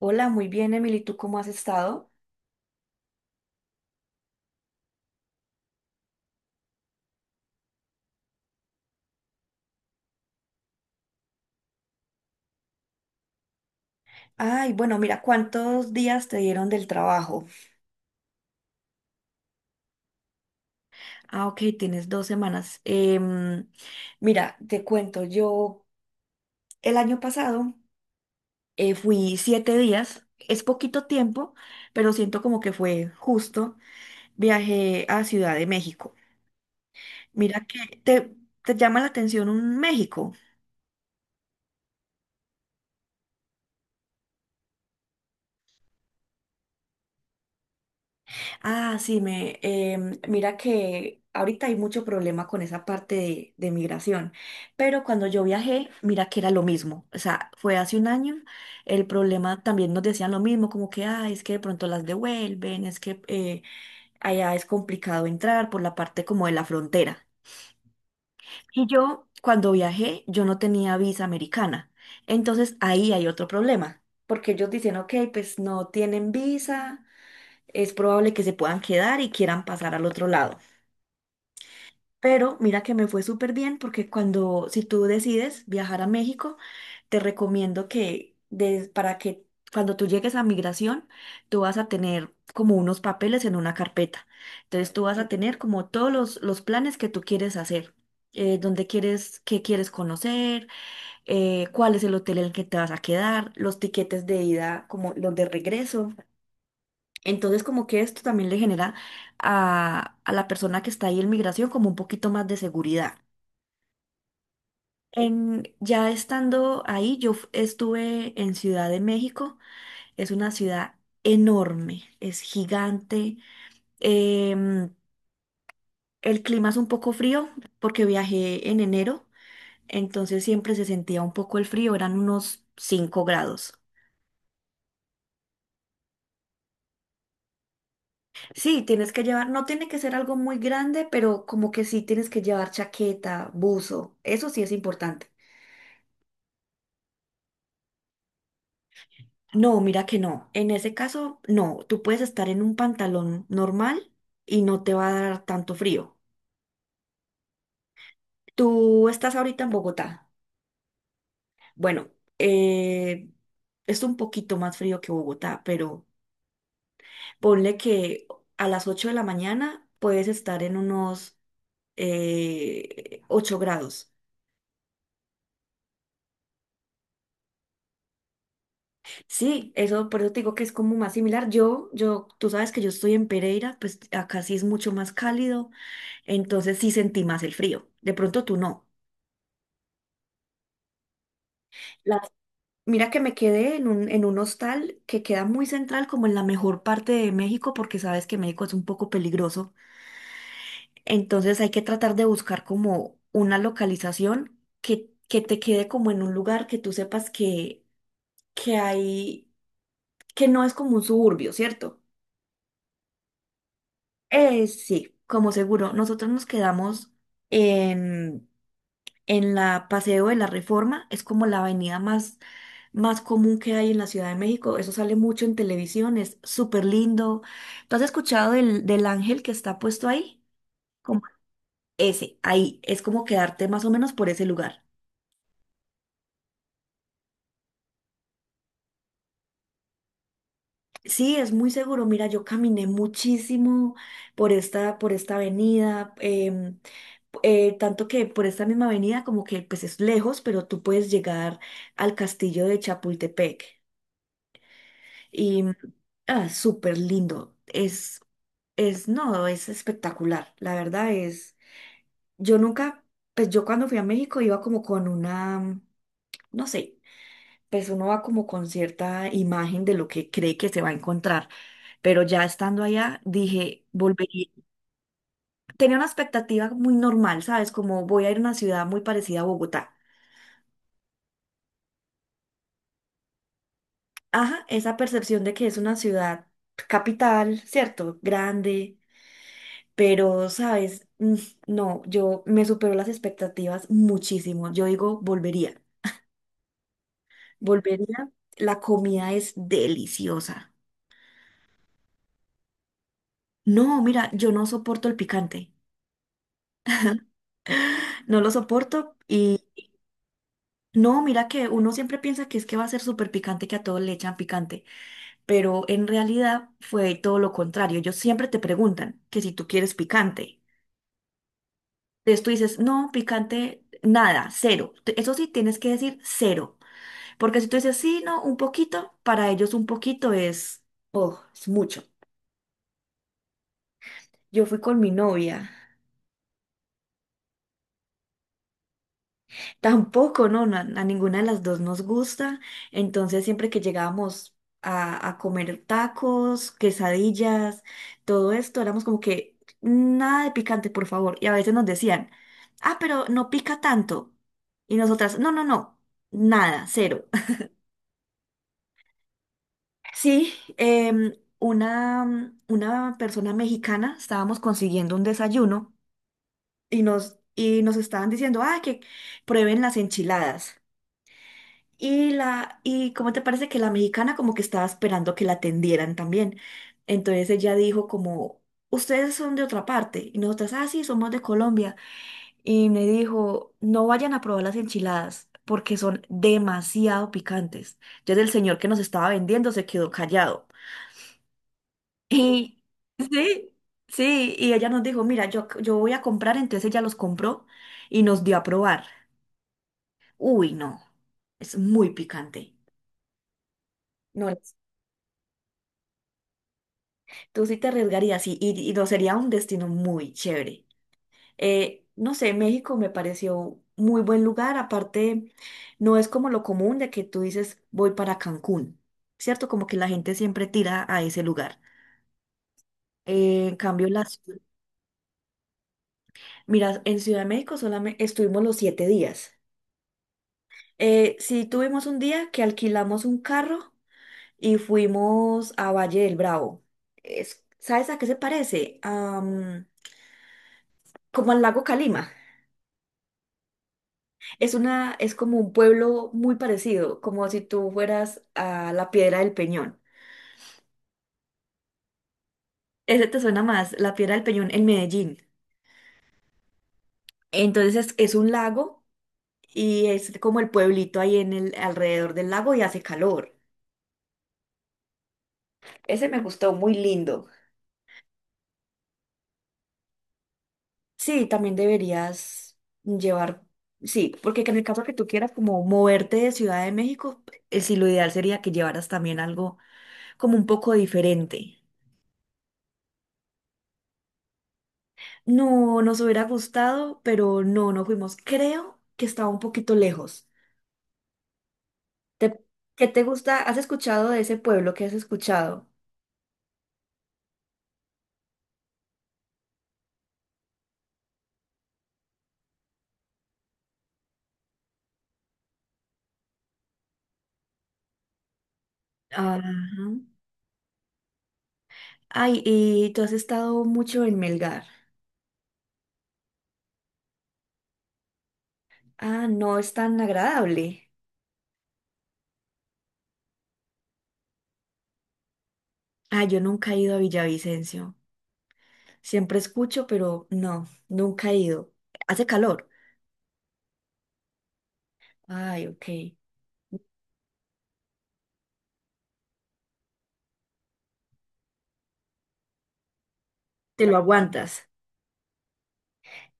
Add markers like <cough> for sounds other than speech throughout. Hola, muy bien, Emily, ¿tú cómo has estado? Ay, bueno, mira, ¿cuántos días te dieron del trabajo? Ah, ok, tienes 2 semanas. Mira, te cuento, yo el año pasado fui 7 días, es poquito tiempo, pero siento como que fue justo. Viajé a Ciudad de México. Mira que te, te llama la atención un México. Ah, sí, mira que ahorita hay mucho problema con esa parte de migración, pero cuando yo viajé, mira que era lo mismo, o sea, fue hace un año, el problema también nos decían lo mismo, como que, ah, es que de pronto las devuelven, es que allá es complicado entrar por la parte como de la frontera. Y yo, cuando viajé, yo no tenía visa americana, entonces ahí hay otro problema, porque ellos dicen, ok, pues no tienen visa es probable que se puedan quedar y quieran pasar al otro lado. Pero mira que me fue súper bien porque cuando, si tú decides viajar a México, te recomiendo que para que cuando tú llegues a migración, tú vas a tener como unos papeles en una carpeta. Entonces tú vas a tener como todos los planes que tú quieres hacer. Dónde quieres, qué quieres conocer, cuál es el hotel en el que te vas a quedar, los tiquetes de ida, como los de regreso. Entonces, como que esto también le genera a la persona que está ahí en migración como un poquito más de seguridad. Ya estando ahí, estuve en Ciudad de México. Es una ciudad enorme, es gigante. Em, el clima es un poco frío porque viajé en enero, entonces siempre se sentía un poco el frío, eran unos 5 grados. Sí, tienes que llevar, no tiene que ser algo muy grande, pero como que sí tienes que llevar chaqueta, buzo, eso sí es importante. No, mira que no, en ese caso no, tú puedes estar en un pantalón normal y no te va a dar tanto frío. Tú estás ahorita en Bogotá. Bueno, eh, es un poquito más frío que Bogotá, pero ponle que a las 8 de la mañana puedes estar en unos 8 grados. Sí, eso por eso te digo que es como más similar. Tú sabes que yo estoy en Pereira, pues acá sí es mucho más cálido, entonces sí sentí más el frío. De pronto tú no. Las- Mira que me quedé en un hostal que queda muy central, como en la mejor parte de México, porque sabes que México es un poco peligroso. Entonces hay que tratar de buscar como una localización que te quede como en un lugar que tú sepas que hay, que no es como un suburbio, ¿cierto? Sí, como seguro, nosotros nos quedamos en, en la Paseo de la Reforma, es como la avenida más común que hay en la Ciudad de México, eso sale mucho en televisión, es súper lindo. ¿Tú has escuchado del ángel que está puesto ahí? Como ese, ahí, es como quedarte más o menos por ese lugar. Sí, es muy seguro. Mira, yo caminé muchísimo por esta avenida, tanto que por esta misma avenida como que pues es lejos, pero tú puedes llegar al castillo de Chapultepec y ah, súper lindo. No, es espectacular. La verdad es, yo nunca, pues yo cuando fui a México iba como con una, no sé, pues uno va como con cierta imagen de lo que cree que se va a encontrar. Pero ya estando allá, dije, volvería. Tenía una expectativa muy normal, ¿sabes? Como voy a ir a una ciudad muy parecida a Bogotá. Ajá, esa percepción de que es una ciudad capital, ¿cierto? Grande, pero, ¿sabes? No, yo me superó las expectativas muchísimo. Yo digo, volvería. Volvería. La comida es deliciosa. No, mira, yo no soporto el picante. <gasps> No lo soporto. No, mira que uno siempre piensa que es que va a ser súper picante, que a todos le echan picante, pero en realidad fue todo lo contrario. Ellos siempre te preguntan que si tú quieres picante. Entonces tú dices, no, picante, nada, cero. Eso sí, tienes que decir cero, porque si tú dices, sí, no, un poquito, para ellos un poquito es, oh, es mucho. Yo fui con mi novia. Tampoco, no, ninguna de las dos nos gusta. Entonces, siempre que llegábamos a comer tacos, quesadillas, todo esto, éramos como que nada de picante, por favor. Y a veces nos decían, ah, pero no pica tanto. Y nosotras, no, no, no, nada, cero. <laughs> Sí, una persona mexicana, estábamos consiguiendo un desayuno y nos estaban diciendo, ah, que prueben las enchiladas. Y cómo te parece que la mexicana como que estaba esperando que la atendieran también. Entonces ella dijo como, ustedes son de otra parte. Y nosotras, ah, sí, somos de Colombia. Y me dijo, no vayan a probar las enchiladas porque son demasiado picantes. Entonces el señor que nos estaba vendiendo se quedó callado. <laughs> Y sí, sí, y ella nos dijo, mira, yo voy a comprar. Entonces ella los compró y nos dio a probar. Uy, no, es muy picante. No. Tú sí te arriesgarías y no sería un destino muy chévere. No sé, México me pareció muy buen lugar. Aparte, no es como lo común de que tú dices voy para Cancún, ¿cierto? Como que la gente siempre tira a ese lugar. Eh, en cambio, las... Mira, en Ciudad de México solamente estuvimos los 7 días. Sí tuvimos un día que alquilamos un carro y fuimos a Valle del Bravo. ¿Sabes a qué se parece? Como al lago Calima. Es como un pueblo muy parecido, como si tú fueras a la Piedra del Peñón. Ese te suena más, la Piedra del Peñón en Medellín. Entonces es un lago y es como el pueblito ahí en el alrededor del lago y hace calor. Ese me gustó, muy lindo. Sí, también deberías llevar, sí, porque en el caso que tú quieras como moverte de Ciudad de México, sí, lo ideal sería que llevaras también algo como un poco diferente. No, nos hubiera gustado, pero no, no fuimos. Creo que estaba un poquito lejos. ¿Te- ¿Qué te gusta? ¿Has escuchado de ese pueblo? ¿Qué has escuchado? Ajá. Ay, y tú has estado mucho en Melgar. Ah, no es tan agradable. Ah, yo nunca he ido a Villavicencio. Siempre escucho, pero no, nunca he ido. Hace calor. Ay, ok. Te lo aguantas.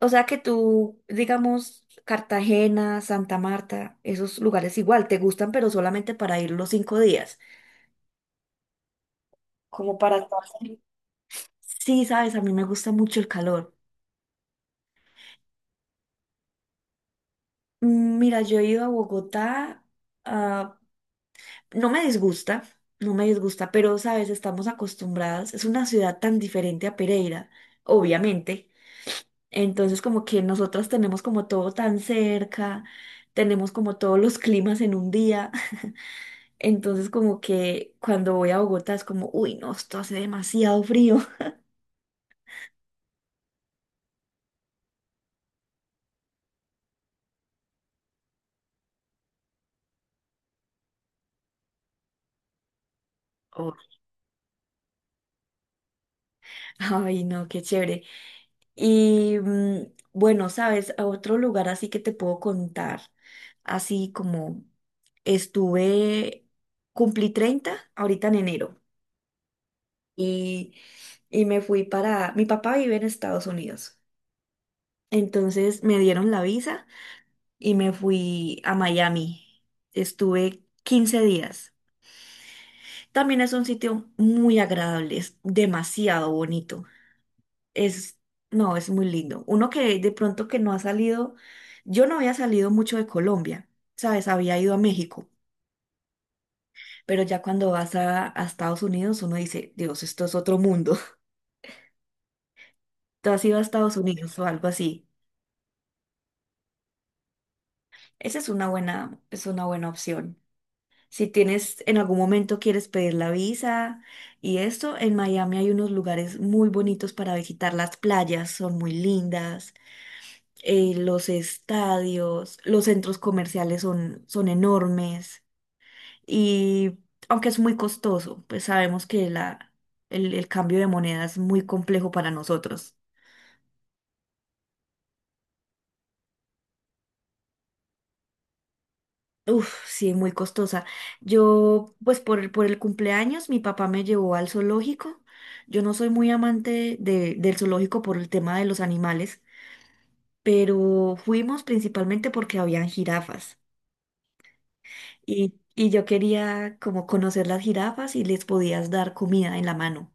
O sea que tú, digamos, Cartagena, Santa Marta, esos lugares igual te gustan, pero solamente para ir los 5 días, como para estar. Sí, sabes, a mí me gusta mucho el calor. Mira, yo he ido a Bogotá, ah, no me disgusta, no me disgusta, pero sabes, estamos acostumbradas, es una ciudad tan diferente a Pereira, obviamente. Entonces, como que nosotras tenemos como todo tan cerca, tenemos como todos los climas en un día. <laughs> Entonces como que cuando voy a Bogotá es como, uy, no, esto hace demasiado frío. Oh, <laughs> Ay, no, qué chévere. Y bueno, sabes, a otro lugar así que te puedo contar, así como estuve, cumplí 30 ahorita en enero y, y me fui para, mi papá vive en Estados Unidos, entonces me dieron la visa y me fui a Miami. Estuve 15 días. También es un sitio muy agradable, es demasiado bonito. Es, no, es muy lindo. Uno que de pronto que no ha salido, yo no había salido mucho de Colombia, ¿sabes? Había ido a México, pero ya cuando vas a Estados Unidos uno dice, Dios, esto es otro mundo. <laughs> ¿Tú has ido a Estados Unidos o algo así? Esa es es una buena opción. Si tienes, en algún momento quieres pedir la visa y esto, en Miami hay unos lugares muy bonitos para visitar. Las playas son muy lindas. Los estadios, los centros comerciales son enormes y aunque es muy costoso, pues sabemos que el cambio de moneda es muy complejo para nosotros. Uf, sí, muy costosa. Yo, pues por el cumpleaños, mi papá me llevó al zoológico. Yo no soy muy amante del zoológico por el tema de los animales, pero fuimos principalmente porque habían jirafas. Y yo quería como conocer las jirafas y les podías dar comida en la mano.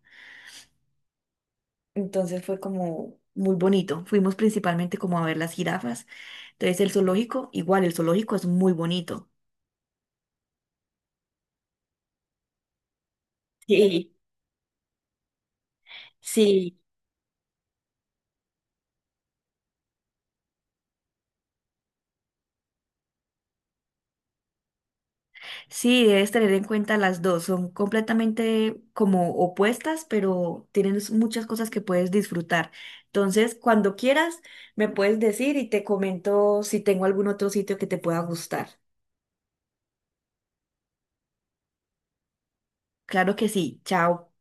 Entonces fue como muy bonito. Fuimos principalmente como a ver las jirafas. Entonces el zoológico, igual el zoológico es muy bonito. Sí. Sí, sí, debes tener en cuenta las dos. Son completamente como opuestas, pero tienen muchas cosas que puedes disfrutar. Entonces, cuando quieras, me puedes decir y te comento si tengo algún otro sitio que te pueda gustar. Claro que sí. Chao.